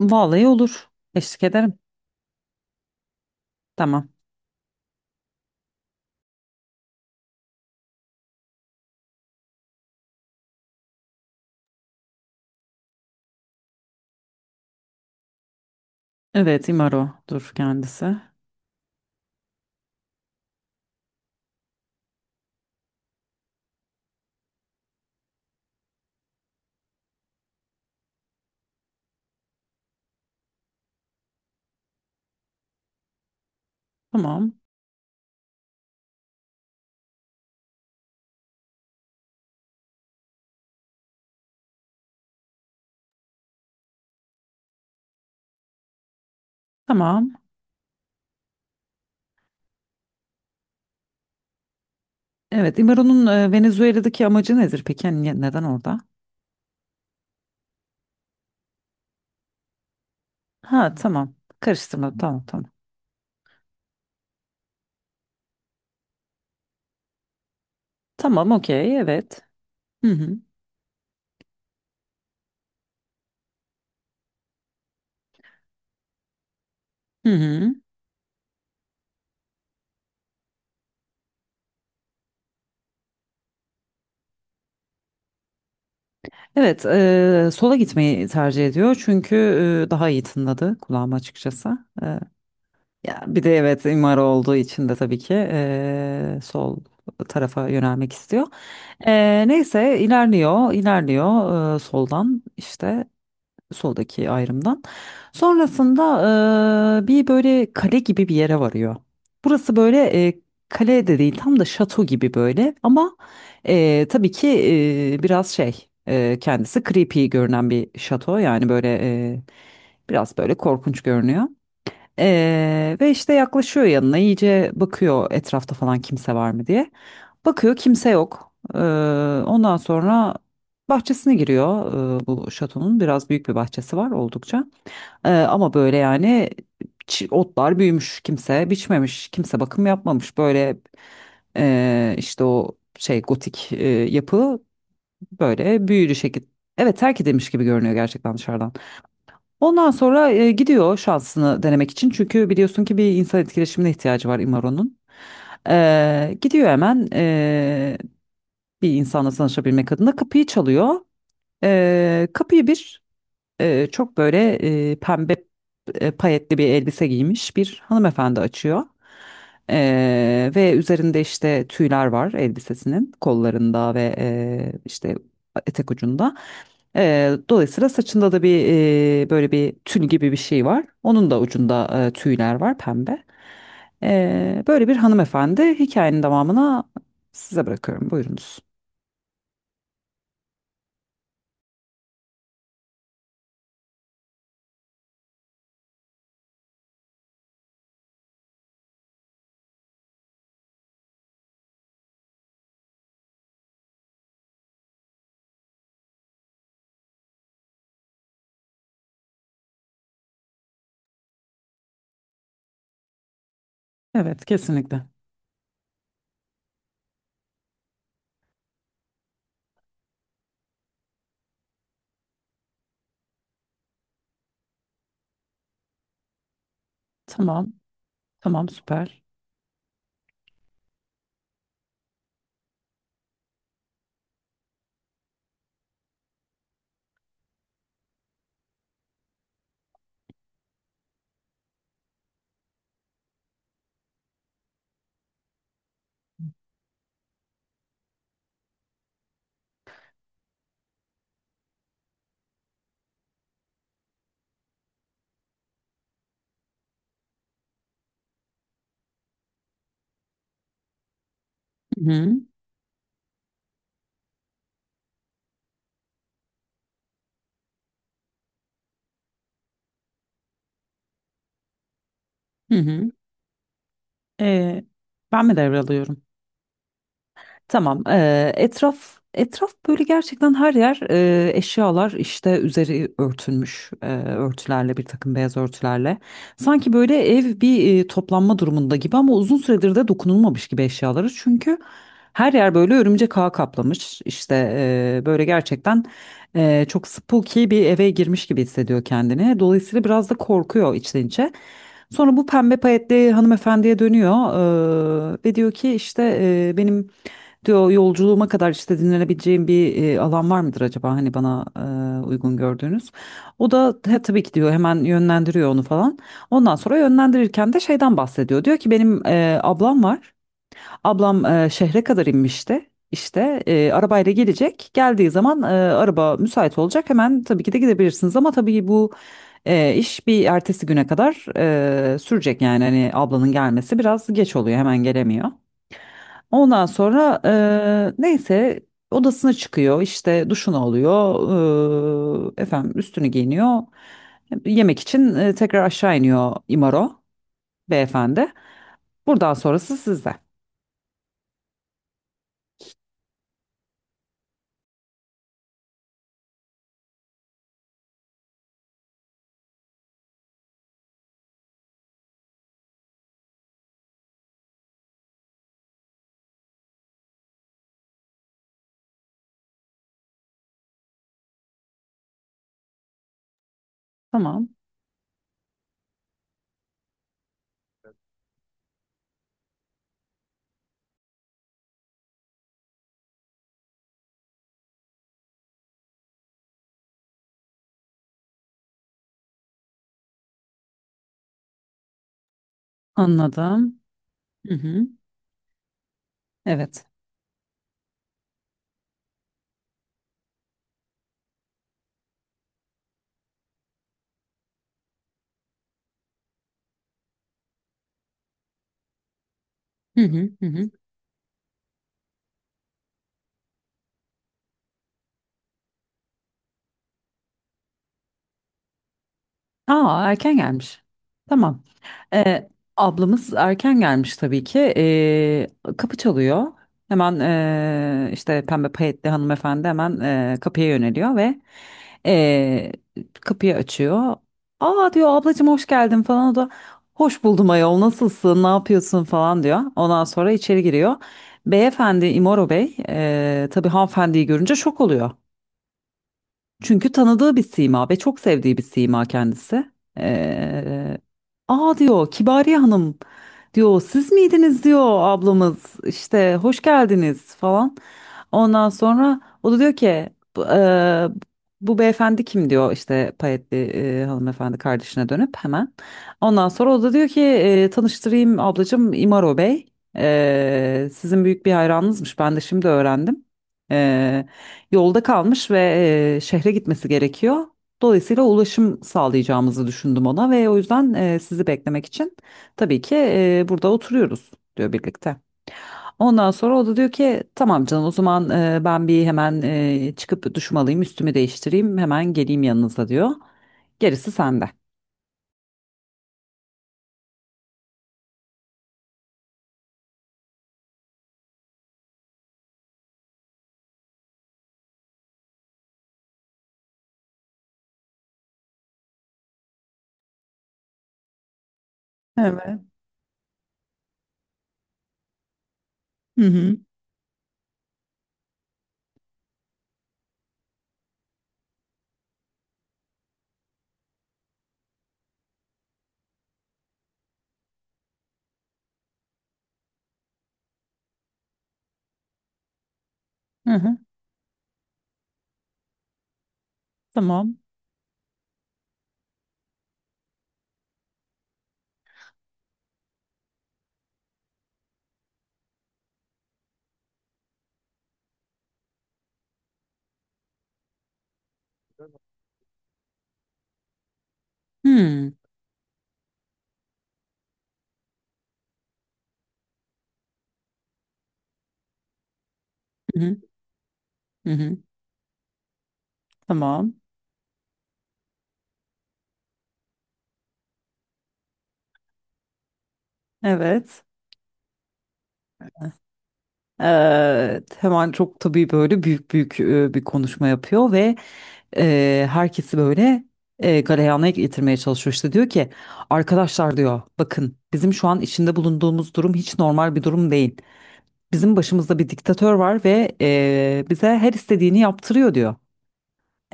Vallahi olur. Eşlik ederim. Tamam. Evet, İmaro'dur kendisi. Tamam. Tamam. Evet, İmaro'nun Venezuela'daki amacı nedir peki? Hani neden orada? Ha, tamam. Karıştırmadım. Tamam, tamam. Tamam, okey. Evet. Hı hı. Hı hı. Evet, sola gitmeyi tercih ediyor çünkü daha iyi tınladı kulağıma açıkçası. Ya bir de evet imar olduğu için de tabii ki sol tarafa yönelmek istiyor. Neyse, ilerliyor, ilerliyor soldan işte soldaki ayrımdan. Sonrasında bir böyle kale gibi bir yere varıyor. Burası böyle kale de değil tam da şato gibi böyle ama tabii ki biraz şey kendisi creepy görünen bir şato yani böyle biraz böyle korkunç görünüyor. Ve işte yaklaşıyor yanına iyice bakıyor etrafta falan kimse var mı diye. Bakıyor kimse yok. Ondan sonra bahçesine giriyor bu şatonun biraz büyük bir bahçesi var oldukça. Ama böyle yani otlar büyümüş kimse biçmemiş kimse bakım yapmamış böyle işte o şey gotik yapı böyle büyülü şekilde. Evet, terk edilmiş gibi görünüyor gerçekten dışarıdan. Ondan sonra gidiyor şansını denemek için. Çünkü biliyorsun ki bir insan etkileşimine ihtiyacı var Imaro'nun. Gidiyor hemen bir insanla tanışabilmek adına kapıyı çalıyor. Kapıyı bir çok böyle pembe payetli bir elbise giymiş bir hanımefendi açıyor. Ve üzerinde işte tüyler var elbisesinin kollarında ve işte etek ucunda. Dolayısıyla saçında da bir böyle bir tül gibi bir şey var. Onun da ucunda tüyler var pembe. Böyle bir hanımefendi, hikayenin devamına size bırakıyorum. Buyurunuz. Evet, kesinlikle. Tamam, tamam, süper. Hı hı. hı hı. Ee, ben mi devralıyorum? Tamam. Etraf etraf böyle gerçekten her yer eşyalar işte üzeri örtülmüş örtülerle, bir takım beyaz örtülerle. Sanki böyle ev bir toplanma durumunda gibi ama uzun süredir de dokunulmamış gibi eşyaları. Çünkü her yer böyle örümcek ağı kaplamış. İşte böyle gerçekten çok spooky bir eve girmiş gibi hissediyor kendini. Dolayısıyla biraz da korkuyor içten içe. Sonra bu pembe payetli hanımefendiye dönüyor ve diyor ki işte benim, diyor, yolculuğuma kadar işte dinlenebileceğim bir alan var mıdır acaba, hani bana uygun gördüğünüz. O da "He, tabii ki," diyor, hemen yönlendiriyor onu falan. Ondan sonra yönlendirirken de şeyden bahsediyor. Diyor ki benim ablam var. Ablam şehre kadar inmişti. İşte arabayla gelecek. Geldiği zaman araba müsait olacak. Hemen tabii ki de gidebilirsiniz ama tabii bu iş bir ertesi güne kadar sürecek, yani hani ablanın gelmesi biraz geç oluyor, hemen gelemiyor. Ondan sonra neyse, odasına çıkıyor, işte duşunu alıyor, efendim, üstünü giyiniyor, yemek için tekrar aşağı iniyor İmaro beyefendi. Buradan sonrası sizde. Tamam, anladım. Hı hı. Evet. Hı hı hı. hı. Aa, erken gelmiş. Tamam Ee, ablamız erken gelmiş tabii ki. Kapı çalıyor. Hemen işte pembe payetli hanımefendi hemen kapıya yöneliyor ve ee, kapıyı açıyor. Aa, diyor, ablacığım, hoş geldin falan. O da hoş buldum ayol, nasılsın, ne yapıyorsun falan diyor. Ondan sonra içeri giriyor. Beyefendi İmoro Bey, tabii hanımefendiyi görünce şok oluyor. Çünkü tanıdığı bir sima ve çok sevdiği bir sima kendisi. Ee, Aa, diyor, Kibariye Hanım, diyor, siz miydiniz, diyor, ablamız işte, hoş geldiniz falan. Ondan sonra o da diyor ki bu, eee, bu beyefendi kim, diyor işte payetli hanımefendi kardeşine dönüp hemen. Ondan sonra o da diyor ki tanıştırayım ablacığım, İmaro Bey. Sizin büyük bir hayranınızmış, ben de şimdi öğrendim. E, yolda kalmış ve şehre gitmesi gerekiyor. Dolayısıyla ulaşım sağlayacağımızı düşündüm ona ve o yüzden sizi beklemek için tabii ki burada oturuyoruz, diyor birlikte. Ondan sonra o da diyor ki tamam canım, o zaman ben bir hemen çıkıp duşumu alayım, üstümü değiştireyim, hemen geleyim yanınıza, diyor. Gerisi sende. Evet. Hı hı. Hı hı. Tamam. Hmm. Hı hı. Hı hı. Tamam. Evet. Evet. Hemen çok tabii böyle büyük büyük bir konuşma yapıyor ve herkesi böyle galeyana getirmeye çalışıyor. İşte diyor ki arkadaşlar, diyor, bakın, bizim şu an içinde bulunduğumuz durum hiç normal bir durum değil. Bizim başımızda bir diktatör var ve bize her istediğini yaptırıyor, diyor.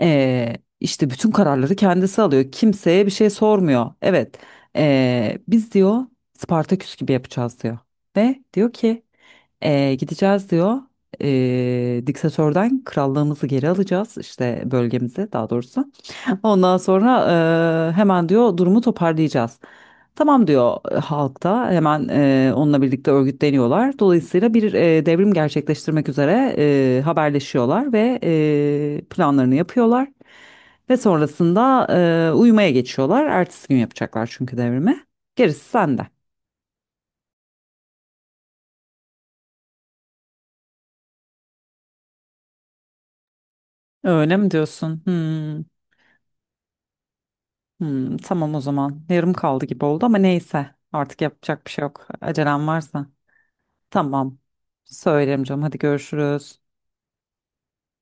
İşte bütün kararları kendisi alıyor, kimseye bir şey sormuyor. Evet, biz, diyor, Spartaküs gibi yapacağız, diyor, ve diyor ki gideceğiz, diyor. Diktatörden krallığımızı geri alacağız işte, bölgemizi daha doğrusu. Ondan sonra hemen, diyor, durumu toparlayacağız. Tamam, diyor, halkta hemen onunla birlikte örgütleniyorlar. Dolayısıyla bir devrim gerçekleştirmek üzere haberleşiyorlar ve planlarını yapıyorlar. Ve sonrasında uyumaya geçiyorlar. Ertesi gün yapacaklar çünkü devrimi. Gerisi sende. Öyle mi diyorsun? Hmm, hmm, tamam o zaman. Yarım kaldı gibi oldu ama neyse. Artık yapacak bir şey yok. Acelem varsa. Tamam. Söylerim canım. Hadi, görüşürüz.